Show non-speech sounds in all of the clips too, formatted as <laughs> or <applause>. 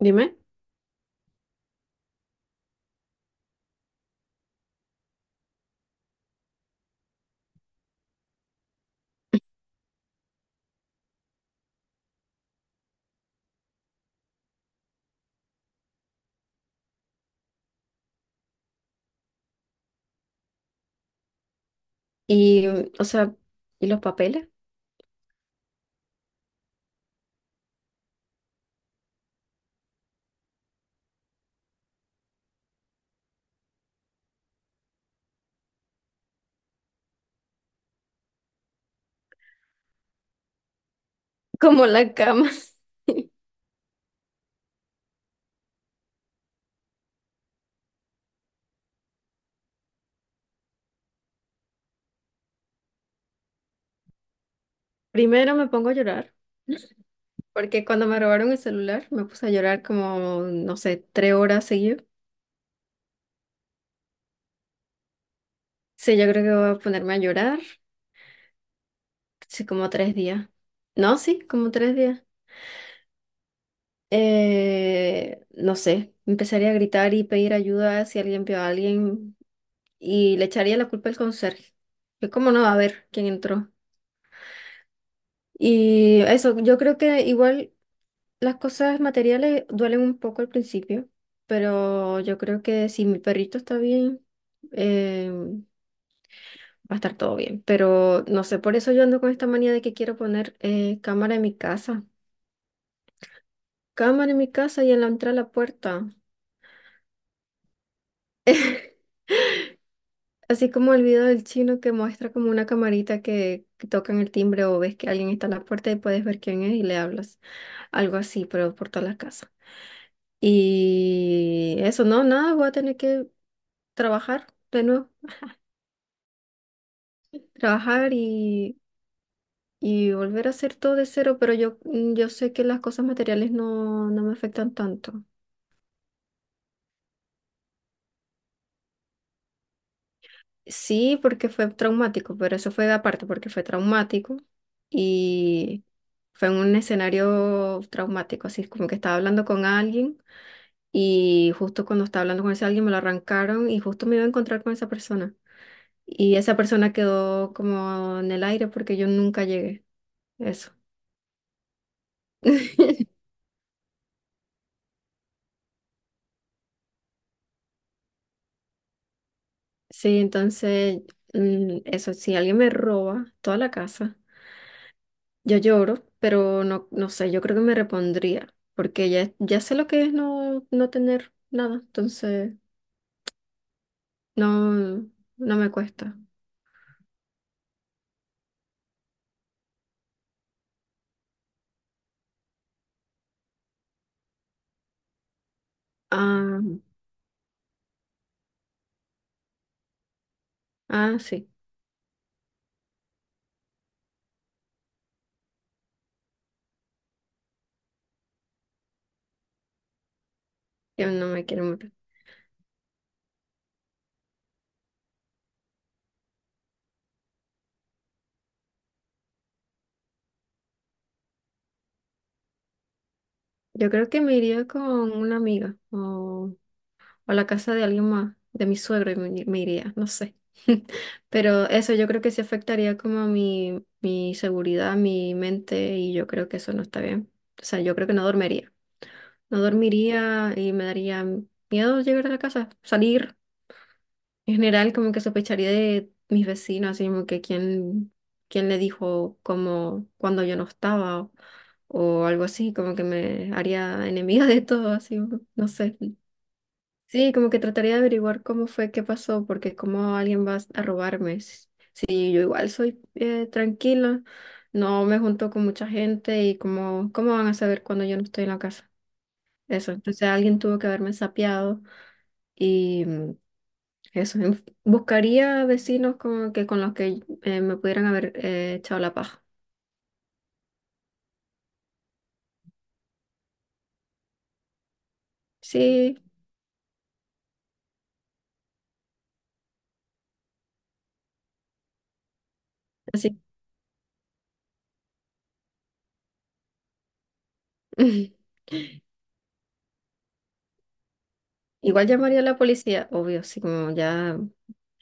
Dime. Y, o sea, ¿y los papeles? <laughs> Como la cama. <laughs> Primero me pongo a llorar, porque cuando me robaron el celular me puse a llorar como, no sé, tres horas seguidas. Sí, yo creo que voy a ponerme a llorar, sí, como tres días. No, sí, como tres días. No sé, empezaría a gritar y pedir ayuda si alguien vio a alguien y le echaría la culpa al conserje. Que cómo no va a ver quién entró. Y eso, yo creo que igual las cosas materiales duelen un poco al principio, pero yo creo que si mi perrito está bien, va a estar todo bien. Pero no sé, por eso yo ando con esta manía de que quiero poner cámara en mi casa. Cámara en mi casa y en la entrada a la puerta. Así como el video del chino que muestra como una camarita que tocan el timbre o ves que alguien está en la puerta y puedes ver quién es y le hablas. Algo así, pero por toda la casa. Y eso, no, nada, voy a tener que trabajar de nuevo. Trabajar y volver a hacer todo de cero, pero yo, yo sé que las cosas materiales no, no me afectan tanto. Sí, porque fue traumático, pero eso fue aparte, porque fue traumático y fue en un escenario traumático, así como que estaba hablando con alguien y justo cuando estaba hablando con ese alguien me lo arrancaron y justo me iba a encontrar con esa persona. Y esa persona quedó como en el aire porque yo nunca llegué. Eso. <laughs> Sí, entonces, eso, si alguien me roba toda la casa, yo lloro, pero no, no sé, yo creo que me repondría, porque ya, ya sé lo que es no, no tener nada, entonces no, no me cuesta. Ah, ah, sí, yo no me quiero matar. Yo creo que me iría con una amiga, o a la casa de alguien más, de mi suegro, y me iría, no sé. <laughs> Pero eso yo creo que sí afectaría como a mi, mi seguridad, mi mente, y yo creo que eso no está bien. O sea, yo creo que no dormiría. No dormiría y me daría miedo llegar a la casa, salir. En general, como que sospecharía de mis vecinos, así como que quién, quién le dijo como cuando yo no estaba o algo así, como que me haría enemiga de todo, así, no sé. Sí, como que trataría de averiguar cómo fue, qué pasó, porque cómo alguien va a robarme. S- sí, yo igual soy tranquila, no me junto con mucha gente y cómo, cómo van a saber cuando yo no estoy en la casa. Eso, entonces alguien tuvo que haberme sapeado y eso, buscaría vecinos como que con los que me pudieran haber echado la paja. Sí, así. <laughs> Igual llamaría a la policía, obvio, así como ya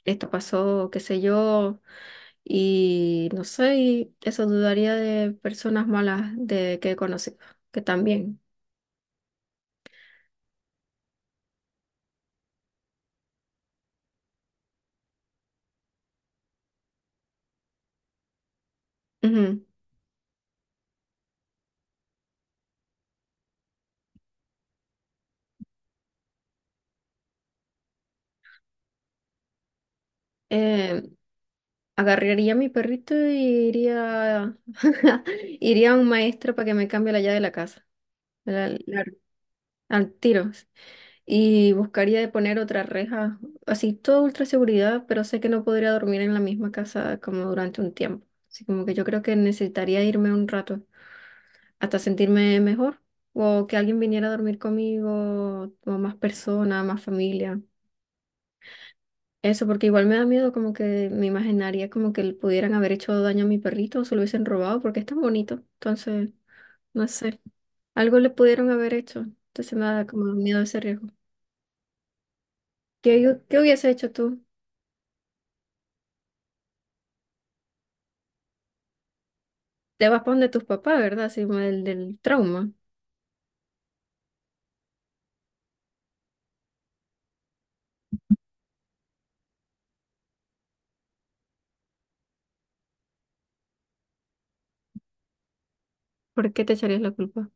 esto pasó, qué sé yo. Y no sé, y eso dudaría de personas malas de que he conocido, que también. Ujú. Eh, Agarraría a mi perrito y iría, <laughs> iría a un maestro para que me cambie la llave de la casa, la- la- al tiro. Y buscaría de poner otra reja, así todo ultra seguridad, pero sé que no podría dormir en la misma casa como durante un tiempo. Así como que yo creo que necesitaría irme un rato, hasta sentirme mejor o que alguien viniera a dormir conmigo o más personas, más familia. Eso, porque igual me da miedo como que me imaginaría como que le pudieran haber hecho daño a mi perrito o se lo hubiesen robado porque es tan bonito. Entonces, no sé, algo le pudieron haber hecho. Entonces me da como miedo ese riesgo. ¿Qué, qué hubiese hecho tú? Te vas para donde tus papás, ¿verdad? Sí, del, del trauma. ¿Por qué te echarías la culpa?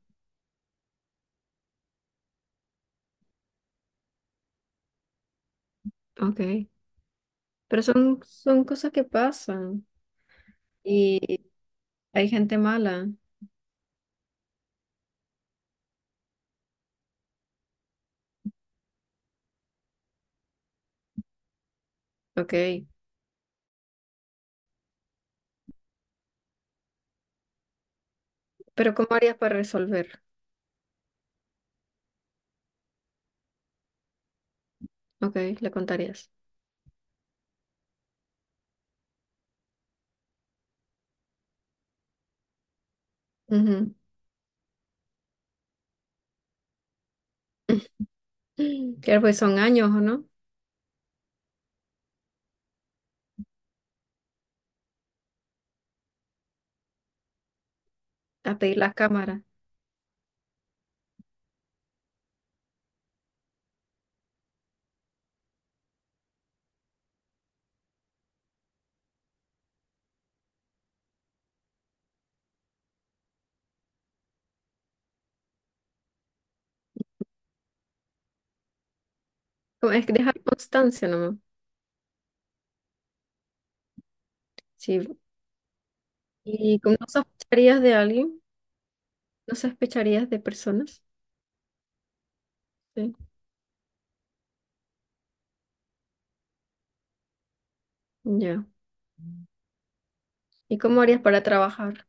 Ok. Pero son, son cosas que pasan y hay gente mala. Ok. Pero ¿cómo harías para resolver? Ok, le contarías. Ujú. <laughs> Claro, pues son años, ¿o no? A pedir las cámaras. Como es que dejar constancia nomás. Sí. ¿Y cómo no sospecharías de alguien? ¿No sospecharías de personas? Sí. Ya. ¿Y cómo harías para trabajar?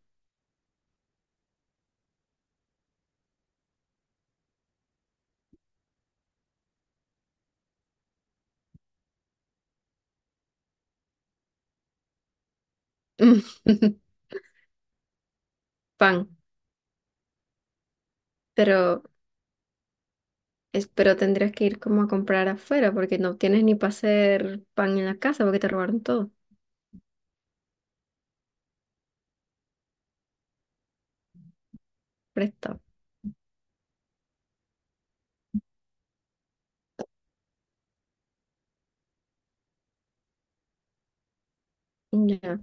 <laughs> Pan. Pero, pero tendrías que ir como a comprar afuera porque no tienes ni para hacer pan en la casa porque te robaron todo. Prestado. Ya,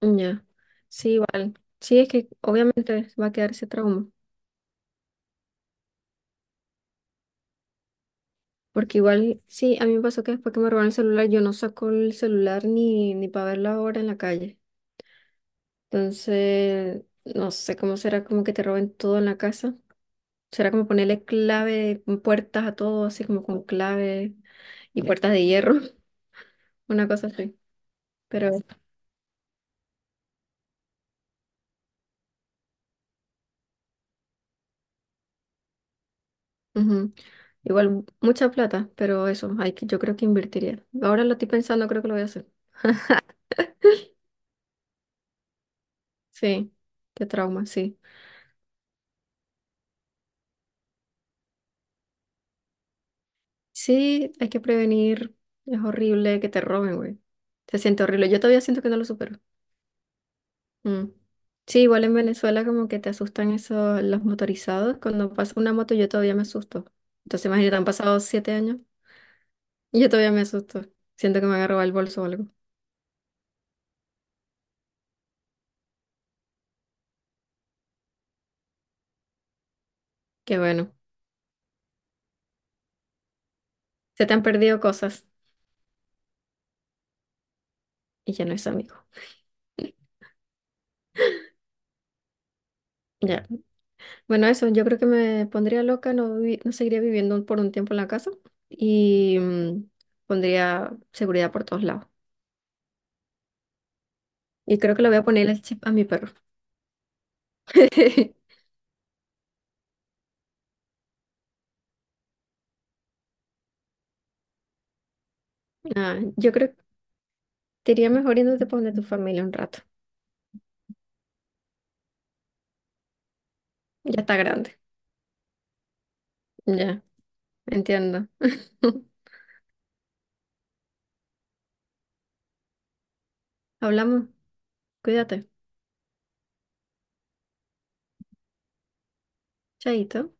ya. Sí, igual. Sí, es que obviamente va a quedar ese trauma. Porque igual, sí, a mí me pasó que después que me robaron el celular, yo no saco el celular ni, ni para ver la hora en la calle. Entonces, no sé cómo será como que te roben todo en la casa. Será como ponerle clave, puertas a todo, así como con clave y puertas de hierro, <laughs> una cosa así. Pero ujú, igual, mucha plata, pero eso, hay que, yo creo que invertiría. Ahora lo estoy pensando, creo que lo voy a hacer. Sí, qué trauma, sí. Sí, hay que prevenir. Es horrible que te roben, güey. Se siente horrible. Yo todavía siento que no lo supero. Mm. Sí, igual en Venezuela como que te asustan esos, los motorizados. Cuando pasa una moto yo todavía me asusto. Entonces imagínate, han pasado 7 años y yo todavía me asusto. Siento que me van a robar el bolso o algo. Qué bueno. Se te han perdido cosas y ya no es amigo. Ya. Bueno, eso, yo creo que me pondría loca, no, no seguiría viviendo por un tiempo en la casa y pondría seguridad por todos lados. Y creo que le voy a poner el chip a mi perro. <laughs> Ah, yo creo te iría mejor yéndote para donde tu familia un rato. Ya está grande. Ya, entiendo. <laughs> Hablamos. Cuídate. Chaito.